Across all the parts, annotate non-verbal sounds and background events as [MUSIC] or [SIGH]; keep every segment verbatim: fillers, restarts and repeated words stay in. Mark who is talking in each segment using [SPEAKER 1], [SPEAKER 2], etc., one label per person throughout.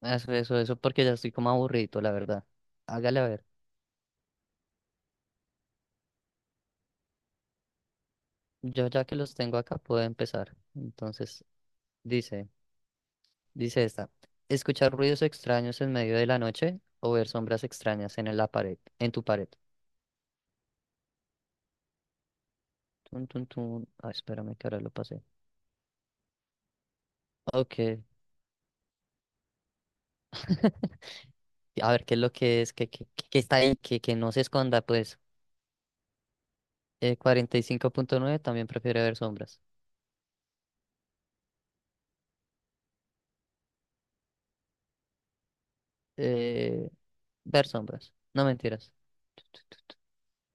[SPEAKER 1] Eso, eso, eso, porque ya estoy como aburrido, la verdad. Hágale a ver. Yo ya que los tengo acá puedo empezar. Entonces, dice, dice esta. Escuchar ruidos extraños en medio de la noche o ver sombras extrañas en la pared, en tu pared. Tun, tun, tun. Ay, espérame que ahora lo pasé. Ok. [LAUGHS] A ver qué es lo que es, que, que, que- que está ahí, que, que no se esconda, pues. Eh, cuarenta y cinco punto nueve por ciento también prefiere ver sombras. Eh, ver sombras. No mentiras.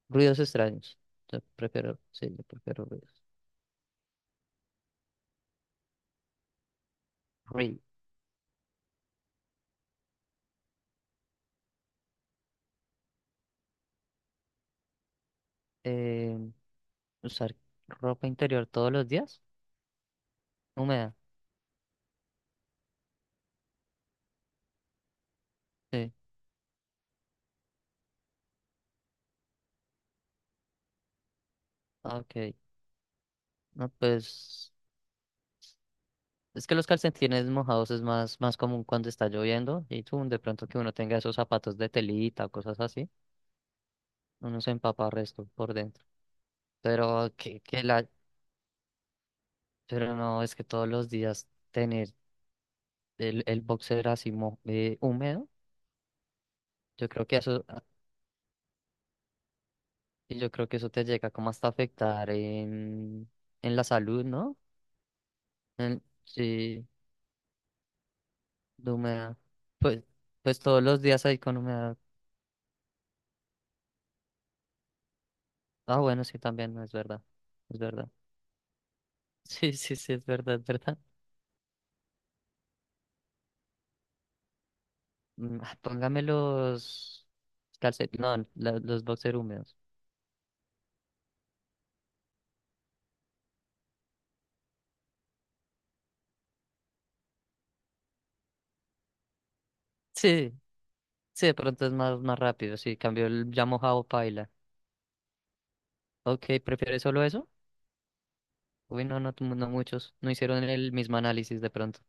[SPEAKER 1] Ruidos extraños. Yo prefiero, sí, yo prefiero ruidos. Ruido. Eh, usar ropa interior todos los días. Húmeda. Sí. Ah, ok. No, pues es que los calcetines mojados es más, más común cuando está lloviendo y tú, de pronto que uno tenga esos zapatos de telita o cosas así, uno se empapa resto por dentro. Pero que, que la, pero no, es que todos los días tener el, el boxer así mo- eh, húmedo, yo creo que eso y yo creo que eso te llega como hasta afectar en, en la salud, ¿no? En, sí, de humedad. Pues, pues todos los días ahí con humedad. Ah, bueno, sí, también, no es verdad. Es verdad. [LAUGHS] Sí, sí, sí, es verdad, es verdad. Mm, ah, Póngame los calcetines, no, la- los boxer húmedos. Sí, sí, de pronto es más, más rápido. Sí, cambió el ya mojado paila. Ok, ¿prefieres solo eso? Uy, no, no, no muchos. No hicieron el mismo análisis de pronto.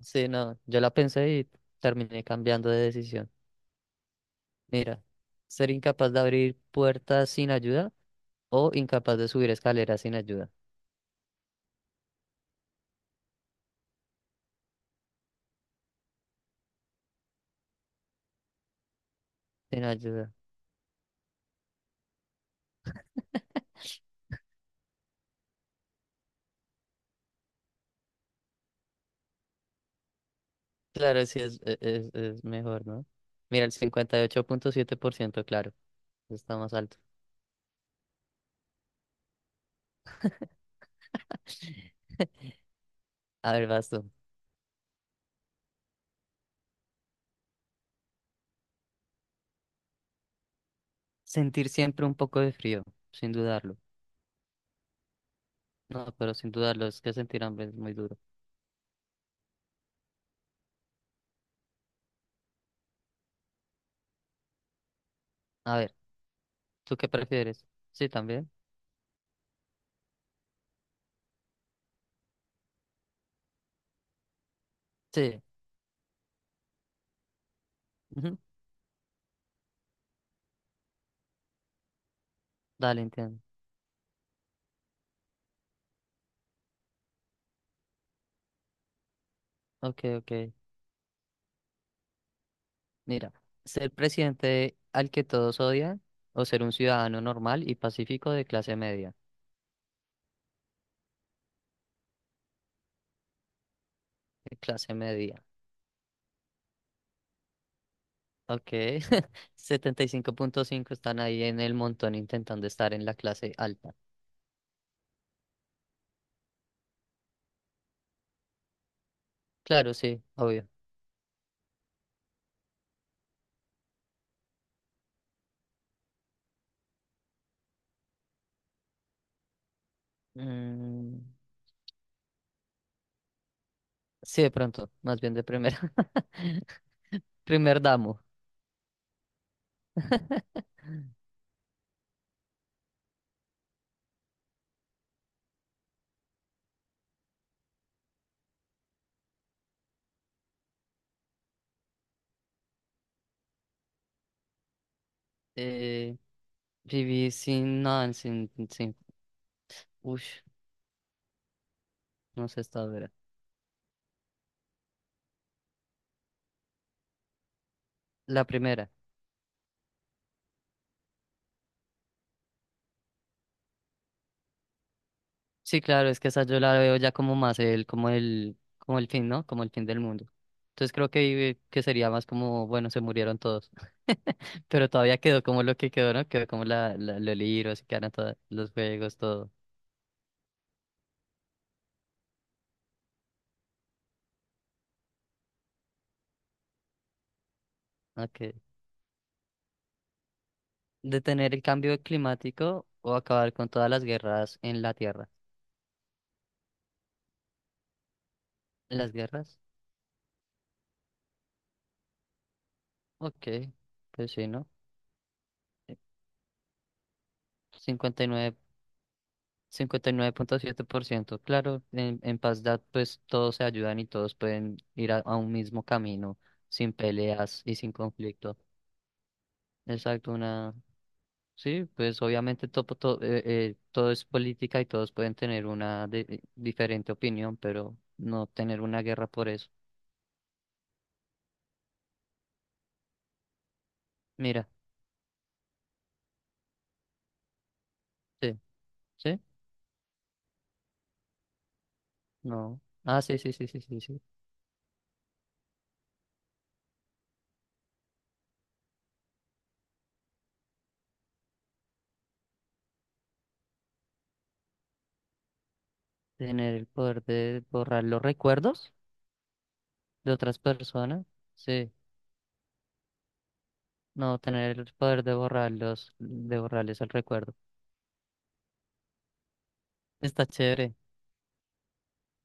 [SPEAKER 1] Sí, no, yo la pensé y terminé cambiando de decisión. Mira, ser incapaz de abrir puertas sin ayuda o incapaz de subir escaleras sin ayuda. Sin ayuda. Claro, sí, es, e- es, es mejor, ¿no? Mira, el cincuenta y ocho punto siete por ciento, claro, está más alto. [LAUGHS] A ver, vas tú. Sentir siempre un poco de frío, sin dudarlo. No, pero sin dudarlo, es que sentir hambre es muy duro. A ver, ¿tú qué prefieres? Sí, también. Sí. Ujú. Dale, entiendo. Ok, ok. Mira, ser presidente al que todos odian o ser un ciudadano normal y pacífico de clase media. De clase media. Ok, [LAUGHS] setenta y cinco punto cinco están ahí en el montón intentando estar en la clase alta. Claro, sí, obvio. Mm, sí, de pronto, más bien de primera. [LAUGHS] Primer damo. [LAUGHS] Eh, viví sin, no, sin, sin, uff, no sé esta dura. La primera. Sí, claro, es que esa yo la veo ya como más el, como el, como el fin, ¿no? Como el fin del mundo. Entonces creo que, que sería más como, bueno, se murieron todos. [LAUGHS] Pero todavía quedó como lo que quedó, ¿no? Quedó como la, la, los libros, quedaron todos los juegos, todo. Okay. Detener el cambio climático o acabar con todas las guerras en la Tierra. ¿Las guerras? Ok, pues sí, ¿no? Eh, cincuenta y nueve cincuenta y nueve punto siete por ciento. Claro, en, en Pazdat pues todos se ayudan y todos pueden ir a, a un mismo camino sin peleas y sin conflicto. Exacto, una... Sí, pues obviamente todo, todo, todo es política y todos pueden tener una de- eh, diferente opinión, pero no tener una guerra por eso. Mira, sí, sí, no. Ah, sí, sí, sí, sí, sí, sí. Tener el poder de borrar los recuerdos de otras personas. Sí. No, tener el poder de borrarlos, de borrarles el recuerdo. Está chévere,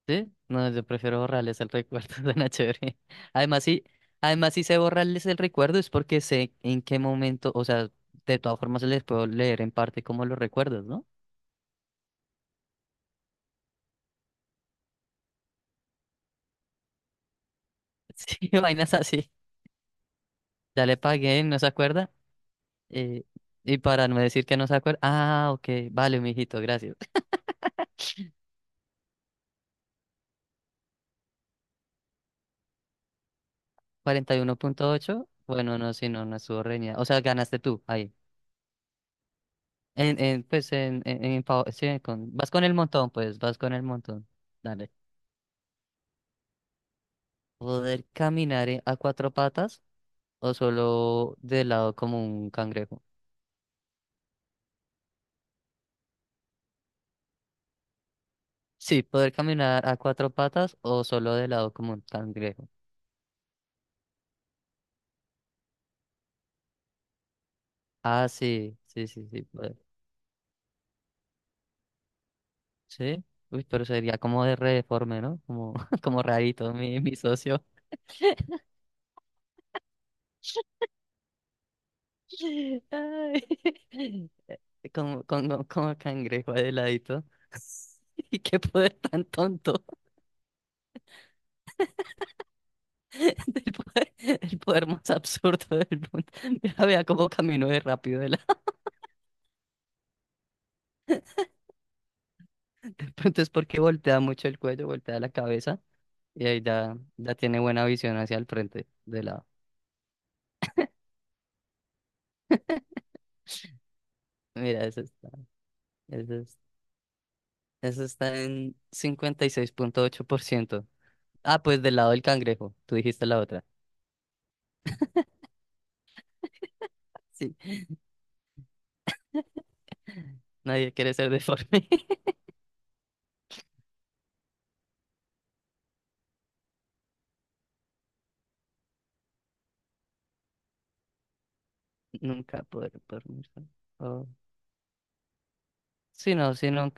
[SPEAKER 1] ¿sí? No, yo prefiero borrarles el recuerdo, [LAUGHS] suena chévere. Además, sí, además, si sé borrarles el recuerdo es porque sé en qué momento, o sea, de todas formas les puedo leer en parte como los recuerdos, ¿no? [LAUGHS] Sí, vainas así. Ya le pagué, no se acuerda. Eh, y para no decir que no se acuerda. Ah, ok, vale, mijito, gracias. [LAUGHS] cuarenta y uno punto ocho por ciento. Bueno, no, si no, no estuvo reñida. O sea, ganaste tú, ahí. En, en, pues en, en, en pa- sí, con, vas con el montón, pues, vas con el montón. Dale. ¿Poder caminar en- a cuatro patas o solo de lado como un cangrejo? Sí, poder caminar a cuatro patas o solo de lado como un cangrejo. Ah, sí, sí, sí, sí, poder. Sí. Uy, pero sería como de re deforme, ¿no? Como, [LAUGHS] como rarito, mi, mi socio. [LAUGHS] Ay, [LAUGHS] Como, como, como cangrejo de ladito. [LAUGHS] Y qué poder tan tonto. [LAUGHS] del poder, el poder más absurdo del mundo. [LAUGHS] Mira, vea cómo caminó de rápido. De la... [LAUGHS] Entonces, porque voltea mucho el cuello, voltea la cabeza y ahí ya, ya tiene buena visión hacia el frente de la... Mira, eso está, eso es- eso está en cincuenta y seis punto ocho por ciento. Ah, pues del lado del cangrejo. Tú dijiste la otra. Sí. [LAUGHS] Nadie quiere ser deforme. [LAUGHS] Nunca poder dormir. Oh. Sí, no, sí, no.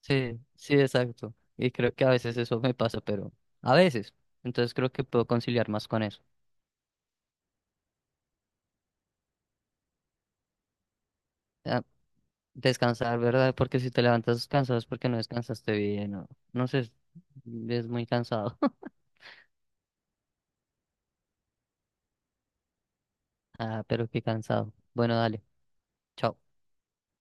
[SPEAKER 1] Sí, sí, exacto. Y creo que a veces eso me pasa, pero a veces. Entonces creo que puedo conciliar más con eso. Ah, descansar, ¿verdad? Porque si te levantas cansado es porque no descansaste bien, o no sé, es muy cansado. [LAUGHS] Ah, pero qué cansado. Bueno, dale. Chao.